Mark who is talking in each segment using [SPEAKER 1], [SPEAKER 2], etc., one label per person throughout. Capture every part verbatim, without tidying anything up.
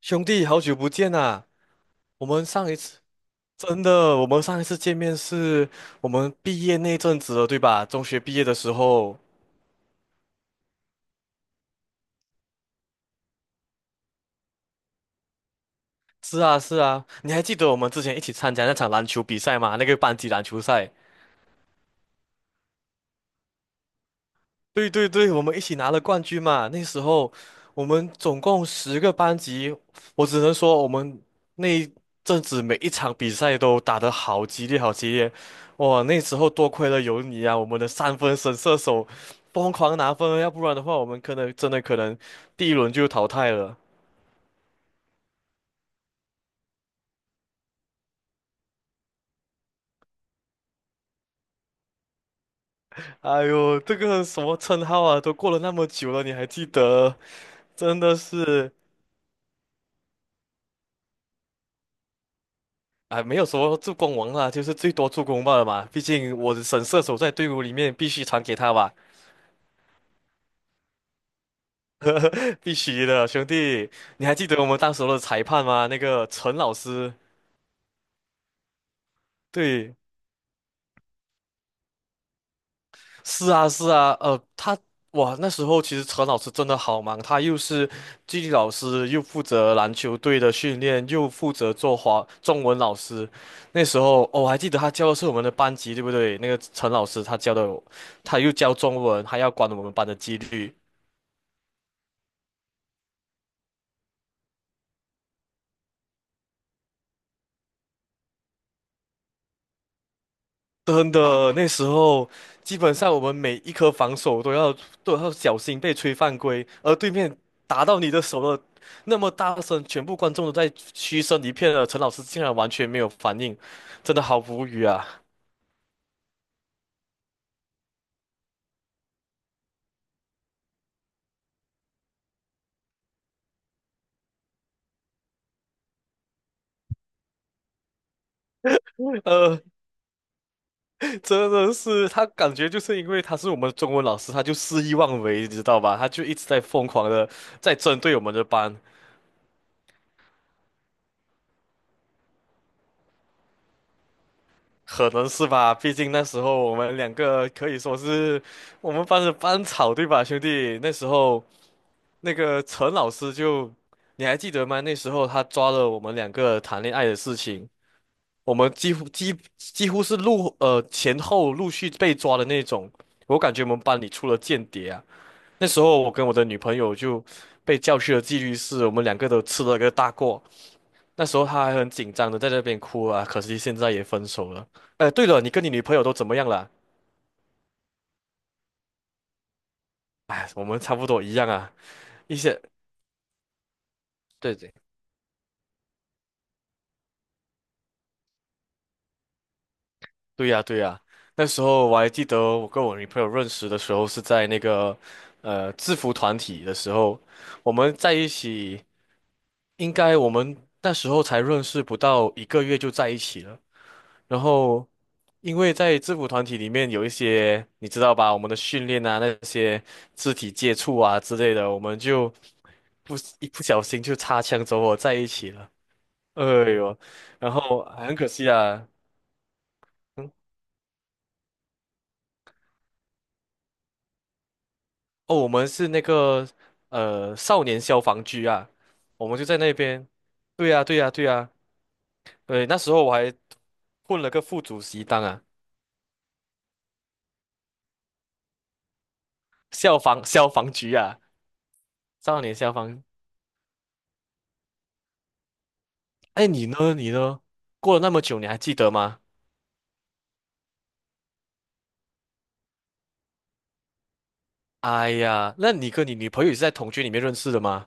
[SPEAKER 1] 兄弟，好久不见啊！我们上一次真的，我们上一次见面是我们毕业那阵子了，对吧？中学毕业的时候。是啊，是啊，你还记得我们之前一起参加那场篮球比赛吗？那个班级篮球赛。对对对，我们一起拿了冠军嘛。那时候我们总共十个班级，我只能说我们那一阵子每一场比赛都打得好激烈，好激烈。哇，那时候多亏了有你啊，我们的三分神射手疯狂拿分，要不然的话我们可能真的可能第一轮就淘汰了。哎呦，这个什么称号啊，都过了那么久了，你还记得？真的是。啊，没有说助攻王啦，就是最多助攻罢了嘛。毕竟我的神射手在队伍里面，必须传给他吧，必须的，兄弟。你还记得我们当时的裁判吗？那个陈老师，对，是啊，是啊，呃，他哇，那时候其实陈老师真的好忙，他又是纪律老师，又负责篮球队的训练，又负责做华中文老师。那时候，哦，我还记得他教的是我们的班级，对不对？那个陈老师他教的，他又教中文，还要管我们班的纪律。真的，那时候基本上我们每一颗防守都要都要小心被吹犯规，而对面打到你的手了，那么大声，全部观众都在嘘声一片了，陈老师竟然完全没有反应，真的好无语啊！呃，真的是他感觉就是因为他是我们中文老师，他就肆意妄为，你知道吧？他就一直在疯狂的在针对我们的班。可能是吧，毕竟那时候我们两个可以说是我们班的班草，对吧，兄弟？那时候。那个陈老师就，你还记得吗？那时候他抓了我们两个谈恋爱的事情，我们几乎几几乎是陆呃前后陆续被抓的那种。我感觉我们班里出了间谍啊！那时候我跟我的女朋友就被叫去了纪律室，我们两个都吃了个大过。那时候他还很紧张的在那边哭啊，可惜现在也分手了。哎，对了，你跟你女朋友都怎么样了？哎，我们差不多一样啊，一些。对对对呀，对呀，那时候我还记得我跟我女朋友认识的时候是在那个呃制服团体的时候，我们在一起，应该我们那时候才认识不到一个月就在一起了。然后，因为在制服团体里面有一些你知道吧，我们的训练啊，那些肢体接触啊之类的，我们就不一不小心就擦枪走火在一起了。哎呦，然后很可惜啊。嗯哦，我们是那个呃少年消防局啊，我们就在那边。对呀，对呀，对呀，对，那时候我还混了个副主席当啊，消防消防局啊，少年消防。哎，你呢？你呢？过了那么久，你还记得吗？哎呀，那你跟你女朋友也是在同居里面认识的吗？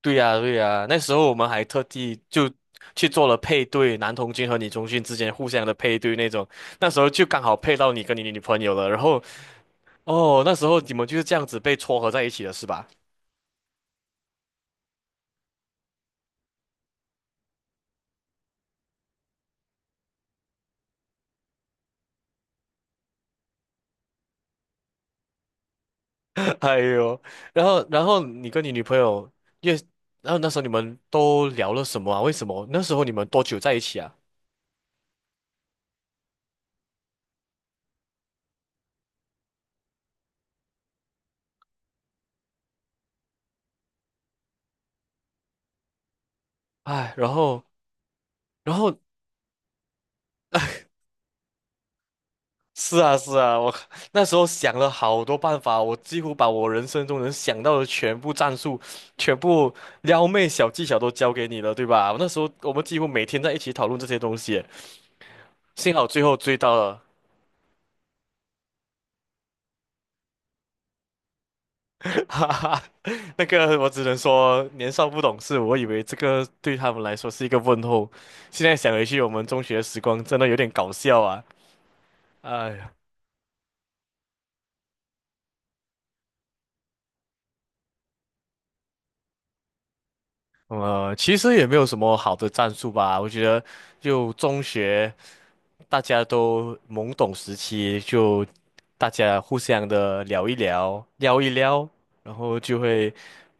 [SPEAKER 1] 对呀，对呀，那时候我们还特地就去做了配对，男同军和女同军之间互相的配对那种，那时候就刚好配到你跟你女朋友了，然后。哦，那时候你们就是这样子被撮合在一起的是吧？哎呦，然后然后你跟你女朋友也，然后那时候你们都聊了什么啊？为什么那时候你们多久在一起啊？哎，然后然后 是啊是啊，我 那时候想了好多办法，我几乎把我人生中能想到的全部战术、全部撩妹小技巧都教给你了，对吧？那时候我们几乎每天在一起讨论这些东西，幸好最后追到了。哈哈，那个我只能说年少不懂事，我以为这个对他们来说是一个问候，现在想回去，我们中学时光真的有点搞笑啊！哎呀，呃，其实也没有什么好的战术吧，我觉得就中学大家都懵懂时期，就大家互相的聊一聊，撩一撩，然后就会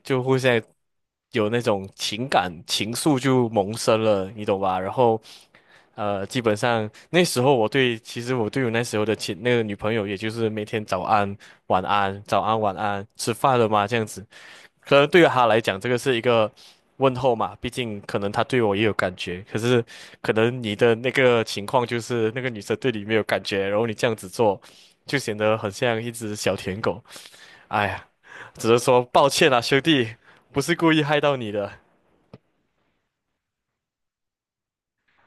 [SPEAKER 1] 就互相有那种情感情愫就萌生了，你懂吧？然后呃，基本上那时候我对，其实我对我那时候的前那个女朋友，也就是每天早安、晚安、早安、晚安，吃饭了吗？这样子，可能对于她来讲，这个是一个问候嘛，毕竟可能她对我也有感觉。可是，可能你的那个情况就是那个女生对你没有感觉，然后你这样子做，就显得很像一只小舔狗。哎呀，只能说抱歉啦，兄弟，不是故意害到你的。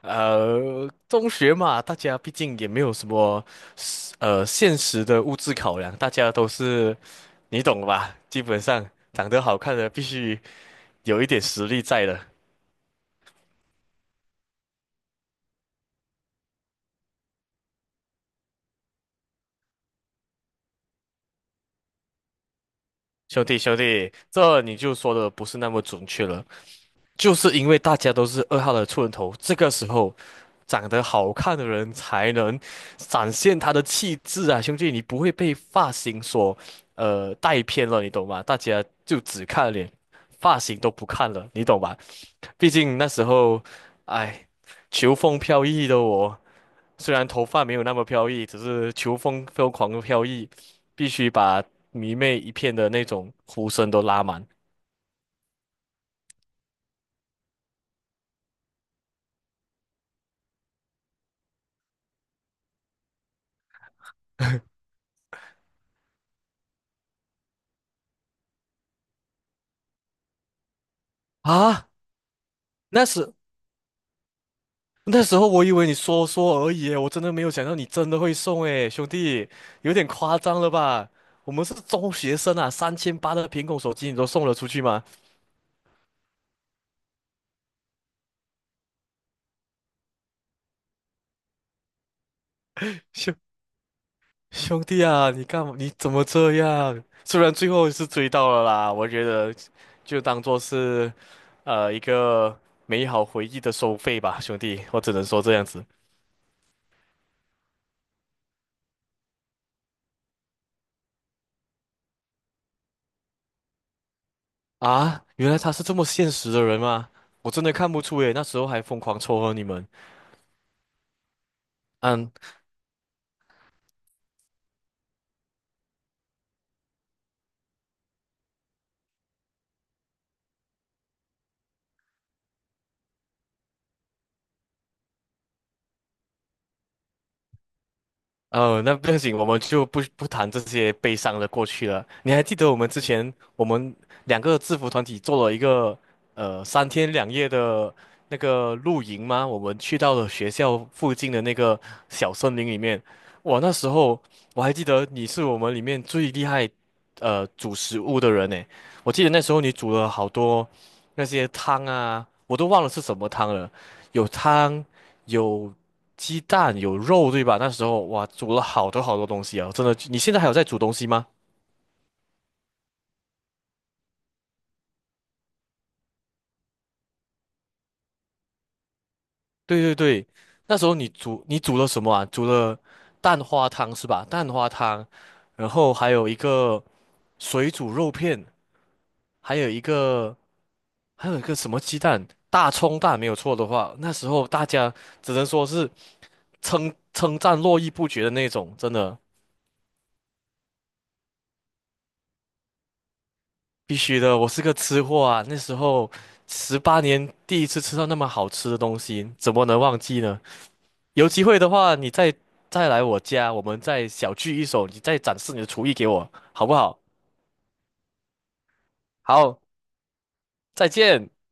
[SPEAKER 1] 呃，中学嘛，大家毕竟也没有什么。呃，现实的物质考量，大家都是你懂的吧？基本上长得好看的必须有一点实力在的。兄弟，兄弟，这你就说的不是那么准确了，就是因为大家都是二号的出人头，这个时候长得好看的人才能展现他的气质啊，兄弟，你不会被发型所呃带偏了，你懂吗？大家就只看脸，发型都不看了，你懂吧？毕竟那时候，哎，求风飘逸的我。虽然头发没有那么飘逸，只是球风疯狂的飘逸，必须把迷妹一片的那种呼声都拉满啊！那时那时候我以为你说说而已我真的没有想到你真的会送诶，兄弟，有点夸张了吧？我们是中学生啊，三千八的苹果手机你都送了出去吗？兄弟啊，你干嘛？你怎么这样？虽然最后是追到了啦，我觉得就当做是呃一个美好回忆的收费吧，兄弟，我只能说这样子啊。原来他是这么现实的人吗？我真的看不出诶，那时候还疯狂撮合你们。嗯。哦，那不要紧，我们就不不谈这些悲伤的过去了。你还记得我们之前我们两个制服团体做了一个呃三天两夜的那个露营吗？我们去到了学校附近的那个小森林里面。哇，那时候我还记得你是我们里面最厉害呃煮食物的人呢。我记得那时候你煮了好多那些汤啊，我都忘了是什么汤了，有汤。有鸡蛋有肉，对吧？那时候哇，煮了好多好多东西啊，真的。你现在还有在煮东西吗？对对对，那时候你煮你煮了什么啊？煮了蛋花汤是吧？蛋花汤，然后还有一个水煮肉片，还有一个还有一个什么鸡蛋，大葱蛋，没有错的话，那时候大家只能说是称称赞络绎不绝的那种，真的必须的。我是个吃货啊，那时候十八年第一次吃到那么好吃的东西，怎么能忘记呢？有机会的话，你再再来我家，我们再小聚一手，你再展示你的厨艺给我，好不好？好，再见。